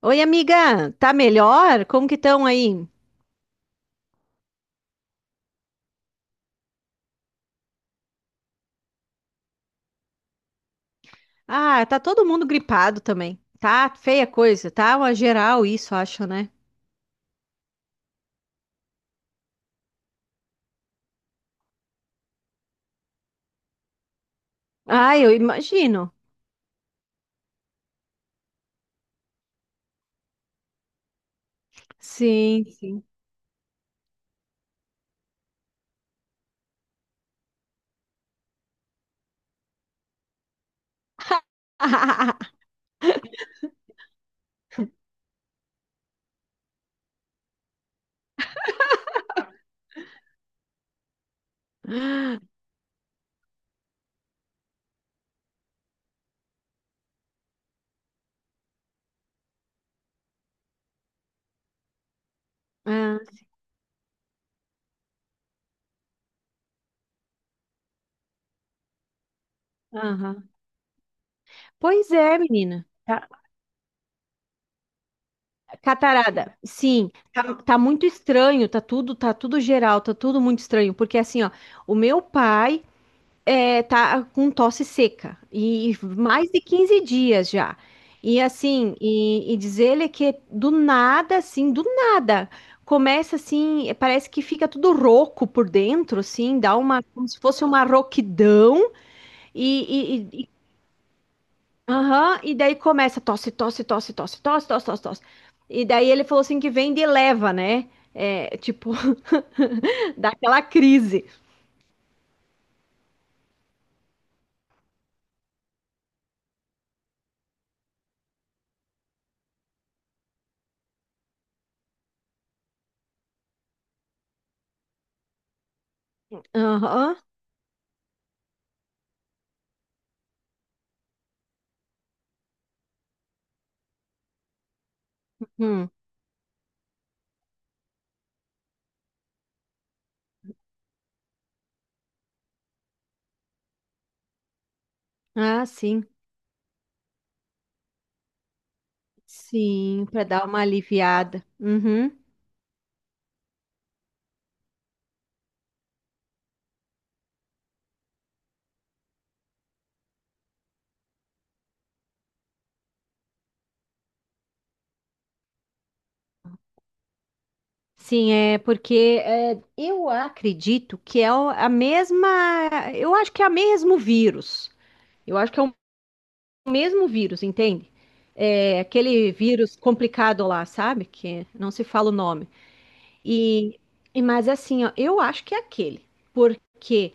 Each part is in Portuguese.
Oi, amiga, tá melhor? Como que estão aí? Ah, tá todo mundo gripado também. Tá feia coisa, tá uma geral isso, acho, né? Ah, eu imagino. Sim, sim. Ah, aham. Pois é, menina. Catarada, sim, tá muito estranho, tá tudo geral, tá tudo muito estranho, porque assim, ó, o meu pai, tá com tosse seca e mais de 15 dias já. E assim, e diz ele que do nada, assim, do nada, começa assim, parece que fica tudo rouco por dentro, assim, dá uma, como se fosse uma rouquidão e, e, e, e aham, e daí começa tosse, tosse. E daí ele falou assim que vem de leva, né? É, tipo, dá aquela crise. Aham. Hum. Ah, sim. Sim, para dar uma aliviada. Uhum. Sim, é porque eu acredito que é a mesma. Eu acho que é o mesmo vírus. Eu acho que é o mesmo vírus, entende? É aquele vírus complicado lá, sabe? Que não se fala o nome. E, mas assim, ó, eu acho que é aquele. Porque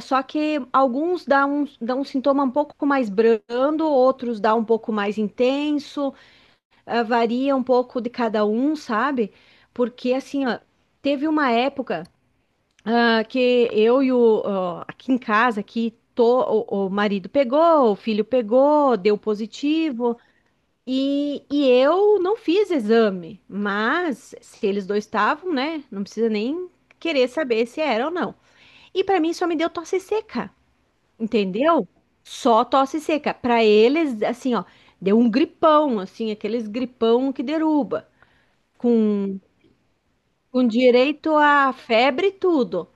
Só que alguns dão um, dá um sintoma um pouco mais brando, outros dá um pouco mais intenso. Ah, varia um pouco de cada um, sabe? Porque assim, ó, teve uma época ah, que eu e o ó, aqui em casa, aqui tô, o marido pegou, o filho pegou, deu positivo. E eu não fiz exame, mas se eles dois estavam, né? Não precisa nem querer saber se era ou não. E pra mim só me deu tosse seca, entendeu? Só tosse seca. Pra eles, assim, ó, deu um gripão, assim, aqueles gripão que deruba com, com direito a febre e tudo.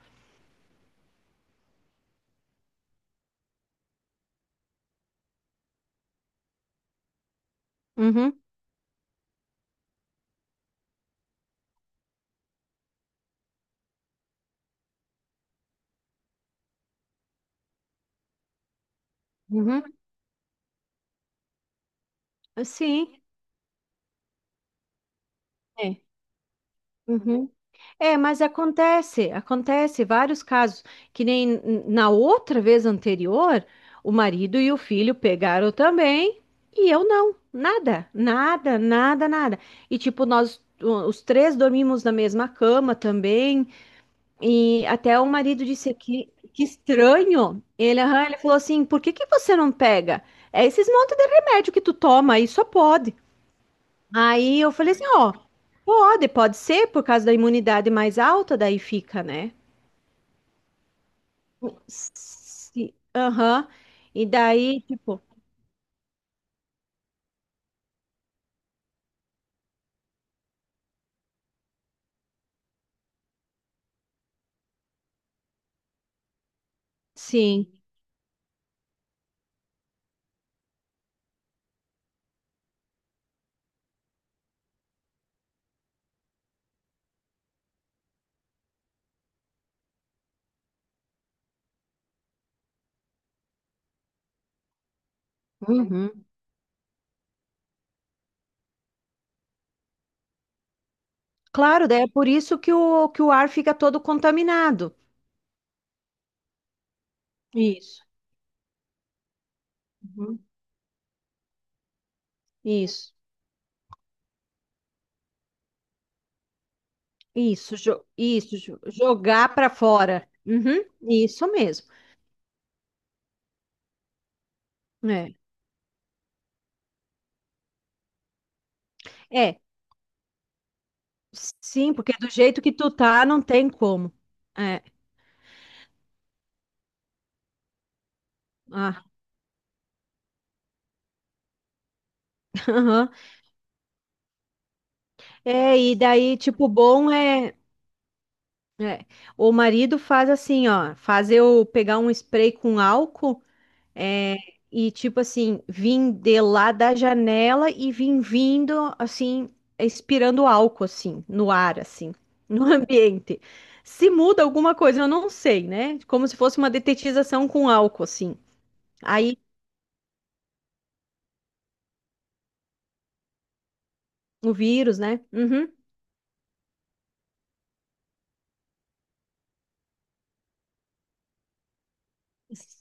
Uhum, uhum. Sim. É. Uhum. É, mas acontece, acontece vários casos, que nem na outra vez anterior, o marido e o filho pegaram também, e eu não, nada, nada, nada, nada. E tipo, nós os três dormimos na mesma cama também. E até o marido disse que estranho. Ele, aham, ele falou assim: por que que você não pega? É esses montes de remédio que tu toma aí, só pode. Aí eu falei assim: ó, pode ser por causa da imunidade mais alta, daí fica, né? Aham. E daí, tipo, sim. Uhum. Claro, daí é por isso que que o ar fica todo contaminado. Isso. Uhum. Isso. Jogar para fora. Uhum, isso mesmo. É. É, sim, porque do jeito que tu tá, não tem como. É, ah, aham. É, e daí, tipo, o bom é, é, o marido faz assim, ó, faz eu pegar um spray com álcool. É, e tipo assim, vim de lá da janela e vim vindo assim, expirando álcool assim, no ar assim, no ambiente. Se muda alguma coisa, eu não sei, né? Como se fosse uma detetização com álcool assim. Aí o vírus, né? Uhum.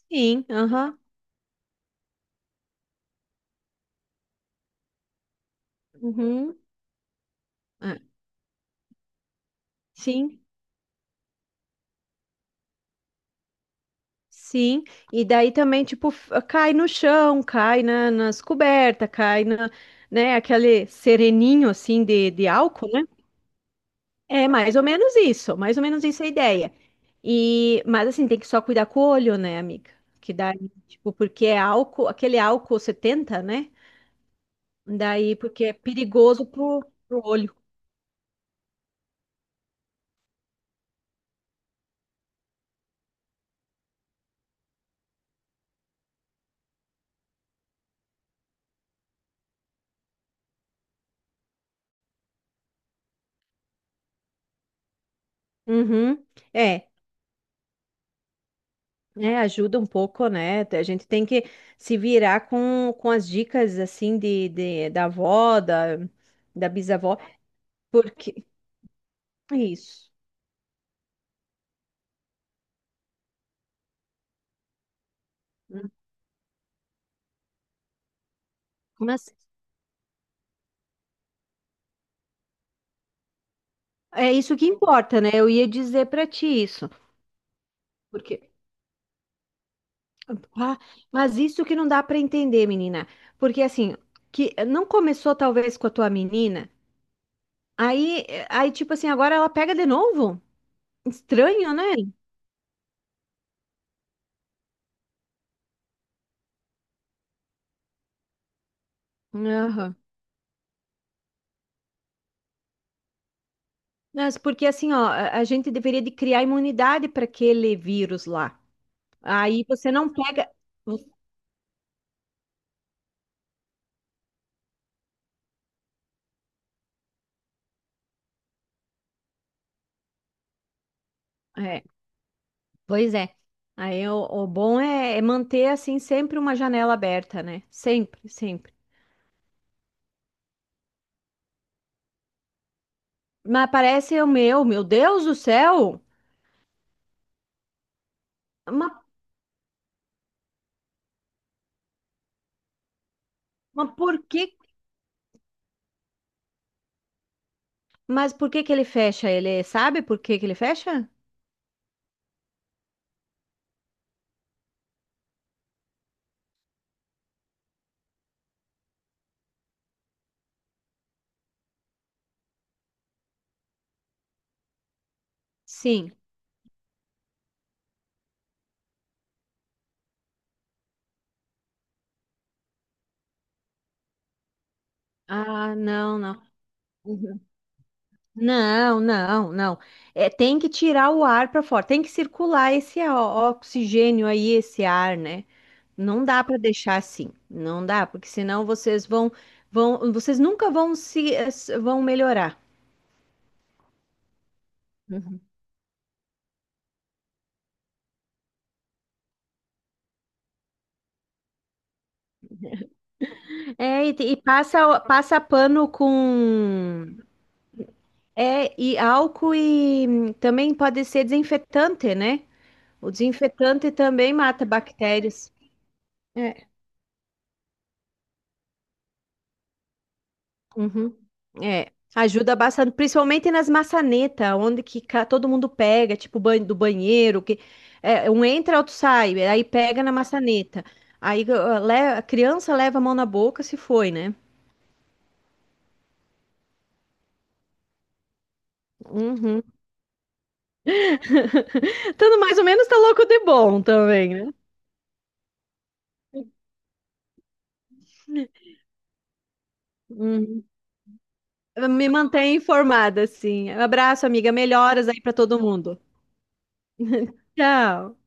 Sim, aham. Uhum. É, sim. Sim, e daí também, tipo, cai no chão, cai na, nas cobertas, cai na, né, aquele sereninho, assim, de álcool, né? É mais ou menos isso, mais ou menos isso é a ideia. E, mas assim, tem que só cuidar com o olho, né, amiga? Que daí, tipo, porque é álcool, aquele álcool 70, né? Daí, porque é perigoso pro olho. Uhum. É, né? Ajuda um pouco, né? A gente tem que se virar com as dicas, assim, da avó, da, da bisavó, porque... é isso. Mas é isso que importa, né? Eu ia dizer pra ti isso. Porque ah, mas isso que não dá para entender, menina. Porque assim, que não começou talvez com a tua menina, aí tipo assim, agora ela pega de novo? Estranho, né? Aham. Mas porque assim, ó, a gente deveria de criar imunidade para aquele vírus lá. Aí você não pega. É, pois é. Aí o bom é, é manter assim sempre uma janela aberta, né? Sempre, sempre. Mas parece o meu, meu Deus do céu! Mas, mas por que? Mas por que que ele fecha? Ele sabe por que que ele fecha? Sim. Ah, não, não. Não, não, não. É, tem que tirar o ar para fora, tem que circular esse oxigênio aí, esse ar, né? Não dá para deixar assim, não dá, porque senão vocês vão, vão, vocês nunca vão se vão melhorar. É, e passa, passa pano com, é, e álcool e também pode ser desinfetante, né? O desinfetante também mata bactérias. É. Uhum. É. Ajuda bastante, principalmente nas maçanetas, onde que todo mundo pega, tipo do banheiro, que é, um entra, outro sai, aí pega na maçaneta. Aí a criança leva a mão na boca se foi, né? Uhum. Tudo mais ou menos tá louco de bom também, né? Uhum. Me mantém informada, sim. Abraço, amiga. Melhoras aí pra todo mundo. Tchau.